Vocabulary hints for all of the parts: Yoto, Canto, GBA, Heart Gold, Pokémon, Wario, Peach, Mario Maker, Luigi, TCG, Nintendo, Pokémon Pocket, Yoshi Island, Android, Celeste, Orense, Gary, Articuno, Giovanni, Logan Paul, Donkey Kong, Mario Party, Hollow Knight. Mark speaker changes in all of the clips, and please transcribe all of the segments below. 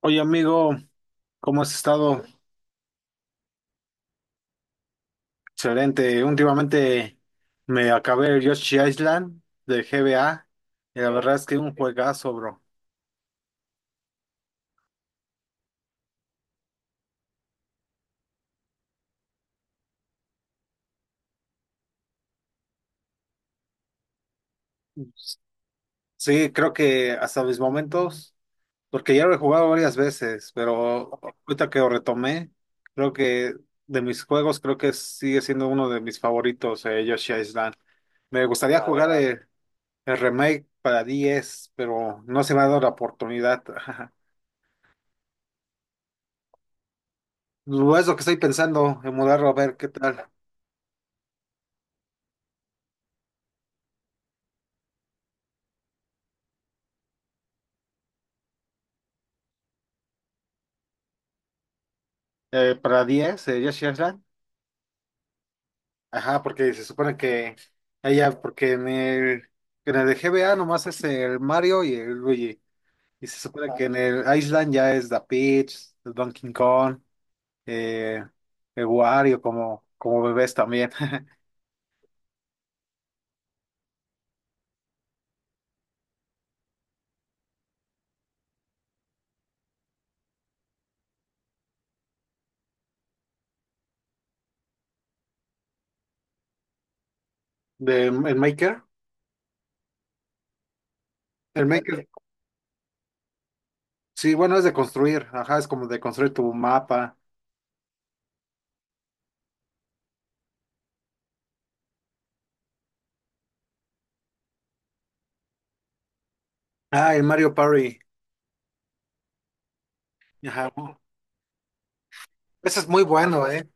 Speaker 1: Oye, amigo, ¿cómo has estado? Excelente. Últimamente me acabé el Yoshi Island de GBA y la verdad es que un juegazo, bro. Sí, creo que hasta mis momentos, porque ya lo he jugado varias veces, pero ahorita que lo retomé, creo que de mis juegos, creo que sigue siendo uno de mis favoritos, Yoshi Island. Me gustaría jugar el remake para 10, pero no se me ha dado la oportunidad. Lo es lo que estoy pensando, en mudarlo a ver qué tal. Para 10 Yoshi Island. Ajá, porque se supone que ella, porque en en el de GBA nomás es el Mario y el Luigi. Y se supone que en el Island ya es The Peach, el Donkey Kong, eh, el Wario como bebés también. De, el Maker. El Maker. Sí, bueno, es de construir. Ajá, es como de construir tu mapa. Ah, el Mario Party. Ajá. Ese es muy bueno, ¿eh?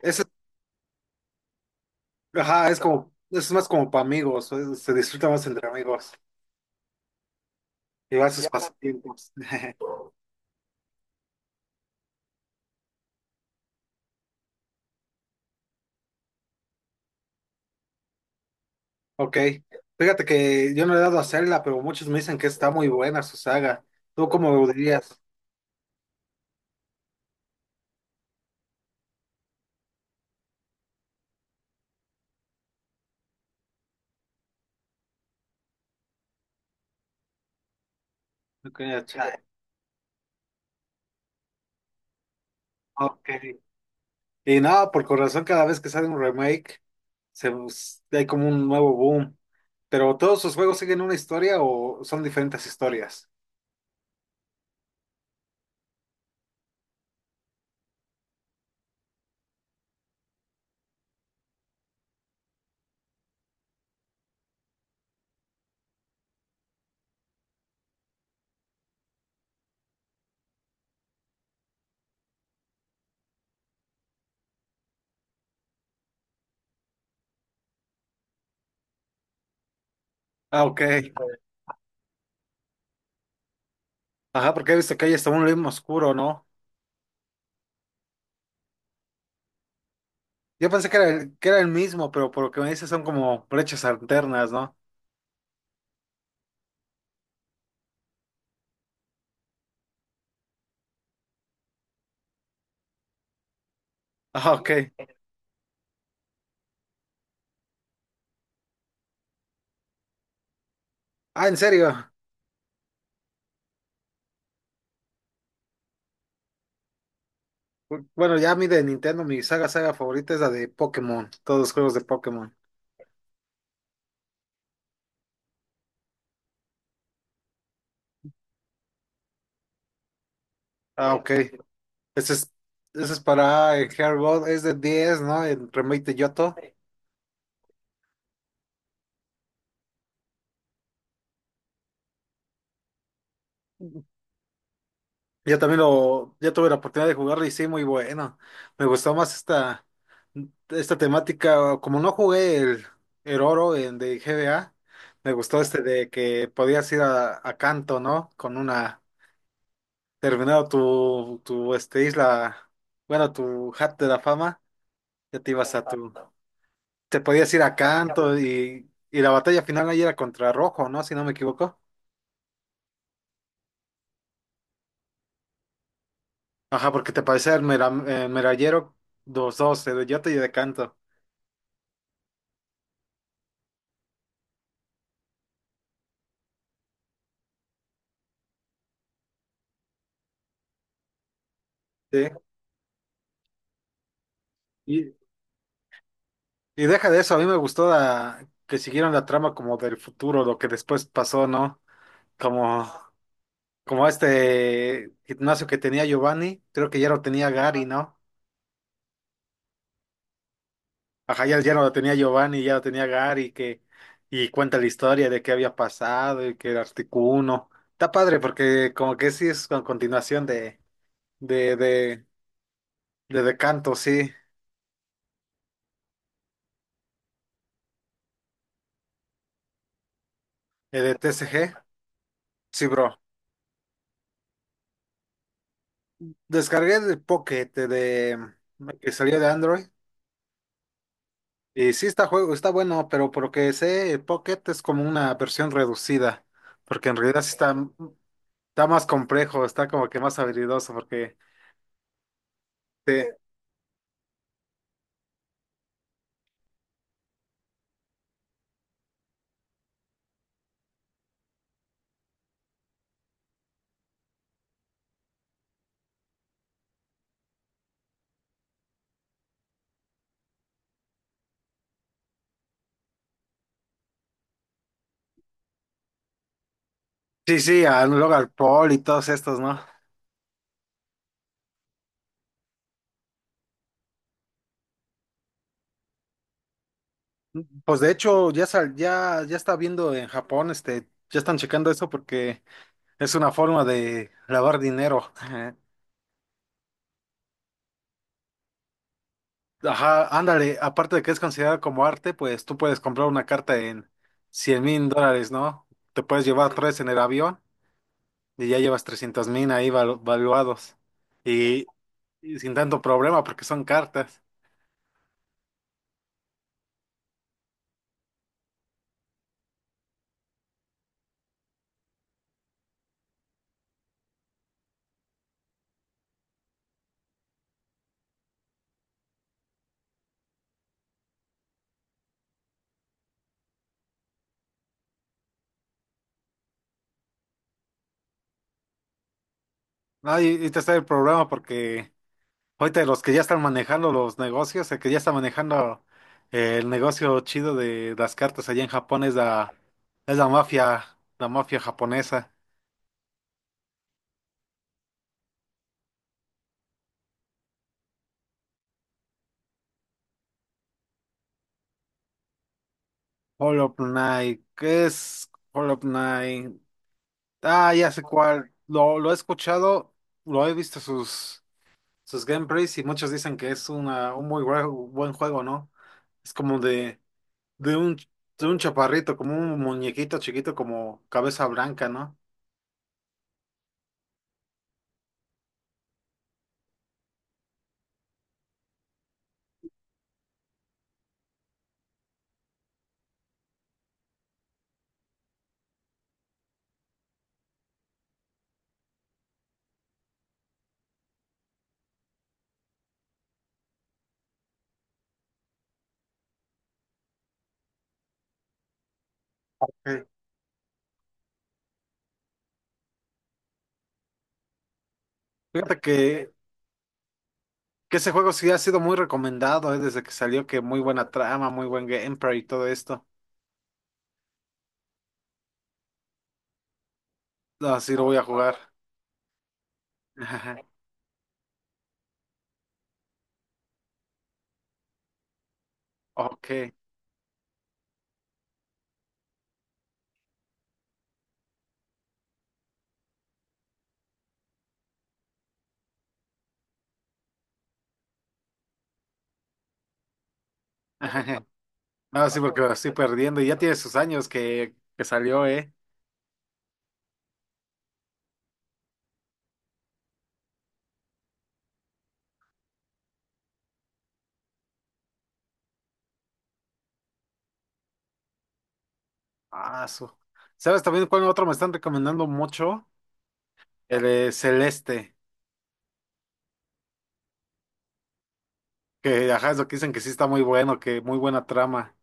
Speaker 1: Ese, ajá, es como, es más como para amigos. Es- se disfruta más entre amigos. Llevar sus ya, pasatiempos. Ok. Fíjate que yo no he dado a hacerla, pero muchos me dicen que está muy buena su saga. ¿Tú cómo lo dirías? Ok. Chale. Ok. Y no, por corazón, cada vez que sale un remake, se, bus- hay como un nuevo boom. Pero ¿todos sus juegos siguen una historia o son diferentes historias? Ah, ok. Ajá, porque he visto que hay hasta un ritmo oscuro, ¿no? Yo pensé que era que era el mismo, pero por lo que me dices son como brechas alternas, ¿no? Ah, ok. Ah, ¿en serio? Bueno, ya a mí de Nintendo, mi saga favorita es la de Pokémon, todos los juegos de Pokémon. Ah, ok. Ese es, ese es para el Heart Gold, es de 10, ¿no? El Remake de Yoto. Yo también lo, ya tuve la oportunidad de jugarlo y sí, muy bueno. Me gustó más esta temática. Como no jugué el oro en, de GBA, me gustó este de que podías ir a Canto, ¿no? Con una, terminado tu este, isla, bueno, tu hat de la fama, ya te ibas a tu, te podías ir a canto y la batalla final ahí era contra Rojo, ¿no? Si no me equivoco. Ajá, porque te parecía el, mera- el merallero dos dos el de Yota y de canto. Sí. Y, y deja de eso, a mí me gustó la- que siguieron la trama como del futuro, lo que después pasó, ¿no? Como, como este gimnasio que tenía Giovanni, creo que ya lo tenía Gary, ¿no? Ajá, ya no lo tenía Giovanni, ya lo tenía Gary, que, y cuenta la historia de qué había pasado y que era Articuno. Está padre porque como que sí es con continuación de, de, de Decanto, sí, de TCG. Sí, bro. Descargué de Pocket de que salió de Android. Y sí está juego, está bueno, pero por lo que sé, el Pocket es como una versión reducida. Porque en realidad sí está, está más complejo, está como que más habilidoso, porque te- Sí, sí, a Logan Paul y todos estos, ¿no? Pues de hecho, ya, sal- ya está viendo en Japón, este, ya están checando eso porque es una forma de lavar dinero. Ajá, ándale, aparte de que es considerado como arte, pues tú puedes comprar una carta en $100,000, ¿no? Te puedes llevar tres en el avión y ya llevas 300,000 ahí valu- valuados. Y, y sin tanto problema porque son cartas. No, y te está el problema porque ahorita los que ya están manejando los negocios, el que ya está manejando el negocio chido de las cartas allá en Japón es la mafia japonesa. Hollow Knight, ¿qué es Hollow Knight? Ah, ya sé cuál. Lo he escuchado, lo he visto sus, sus gameplays y muchos dicen que es una, un muy buen juego, ¿no? Es como de un, de un chaparrito, como un muñequito chiquito, como cabeza blanca, ¿no? Eh, fíjate que ese juego sí ha sido muy recomendado, desde que salió, que muy buena trama, muy buen gameplay y todo esto. Así lo voy a jugar. Ok. No, sí, porque lo estoy perdiendo y ya tiene sus años que salió, ¿eh? Ah, su. ¿Sabes también cuál otro me están recomendando mucho? El de Celeste, que ajá, es lo que dicen que sí está muy bueno, que muy buena trama.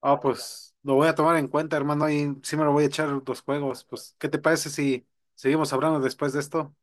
Speaker 1: Ah, pues lo voy a tomar en cuenta, hermano, y sí me lo voy a echar los juegos. Pues, ¿qué te parece si seguimos hablando después de esto?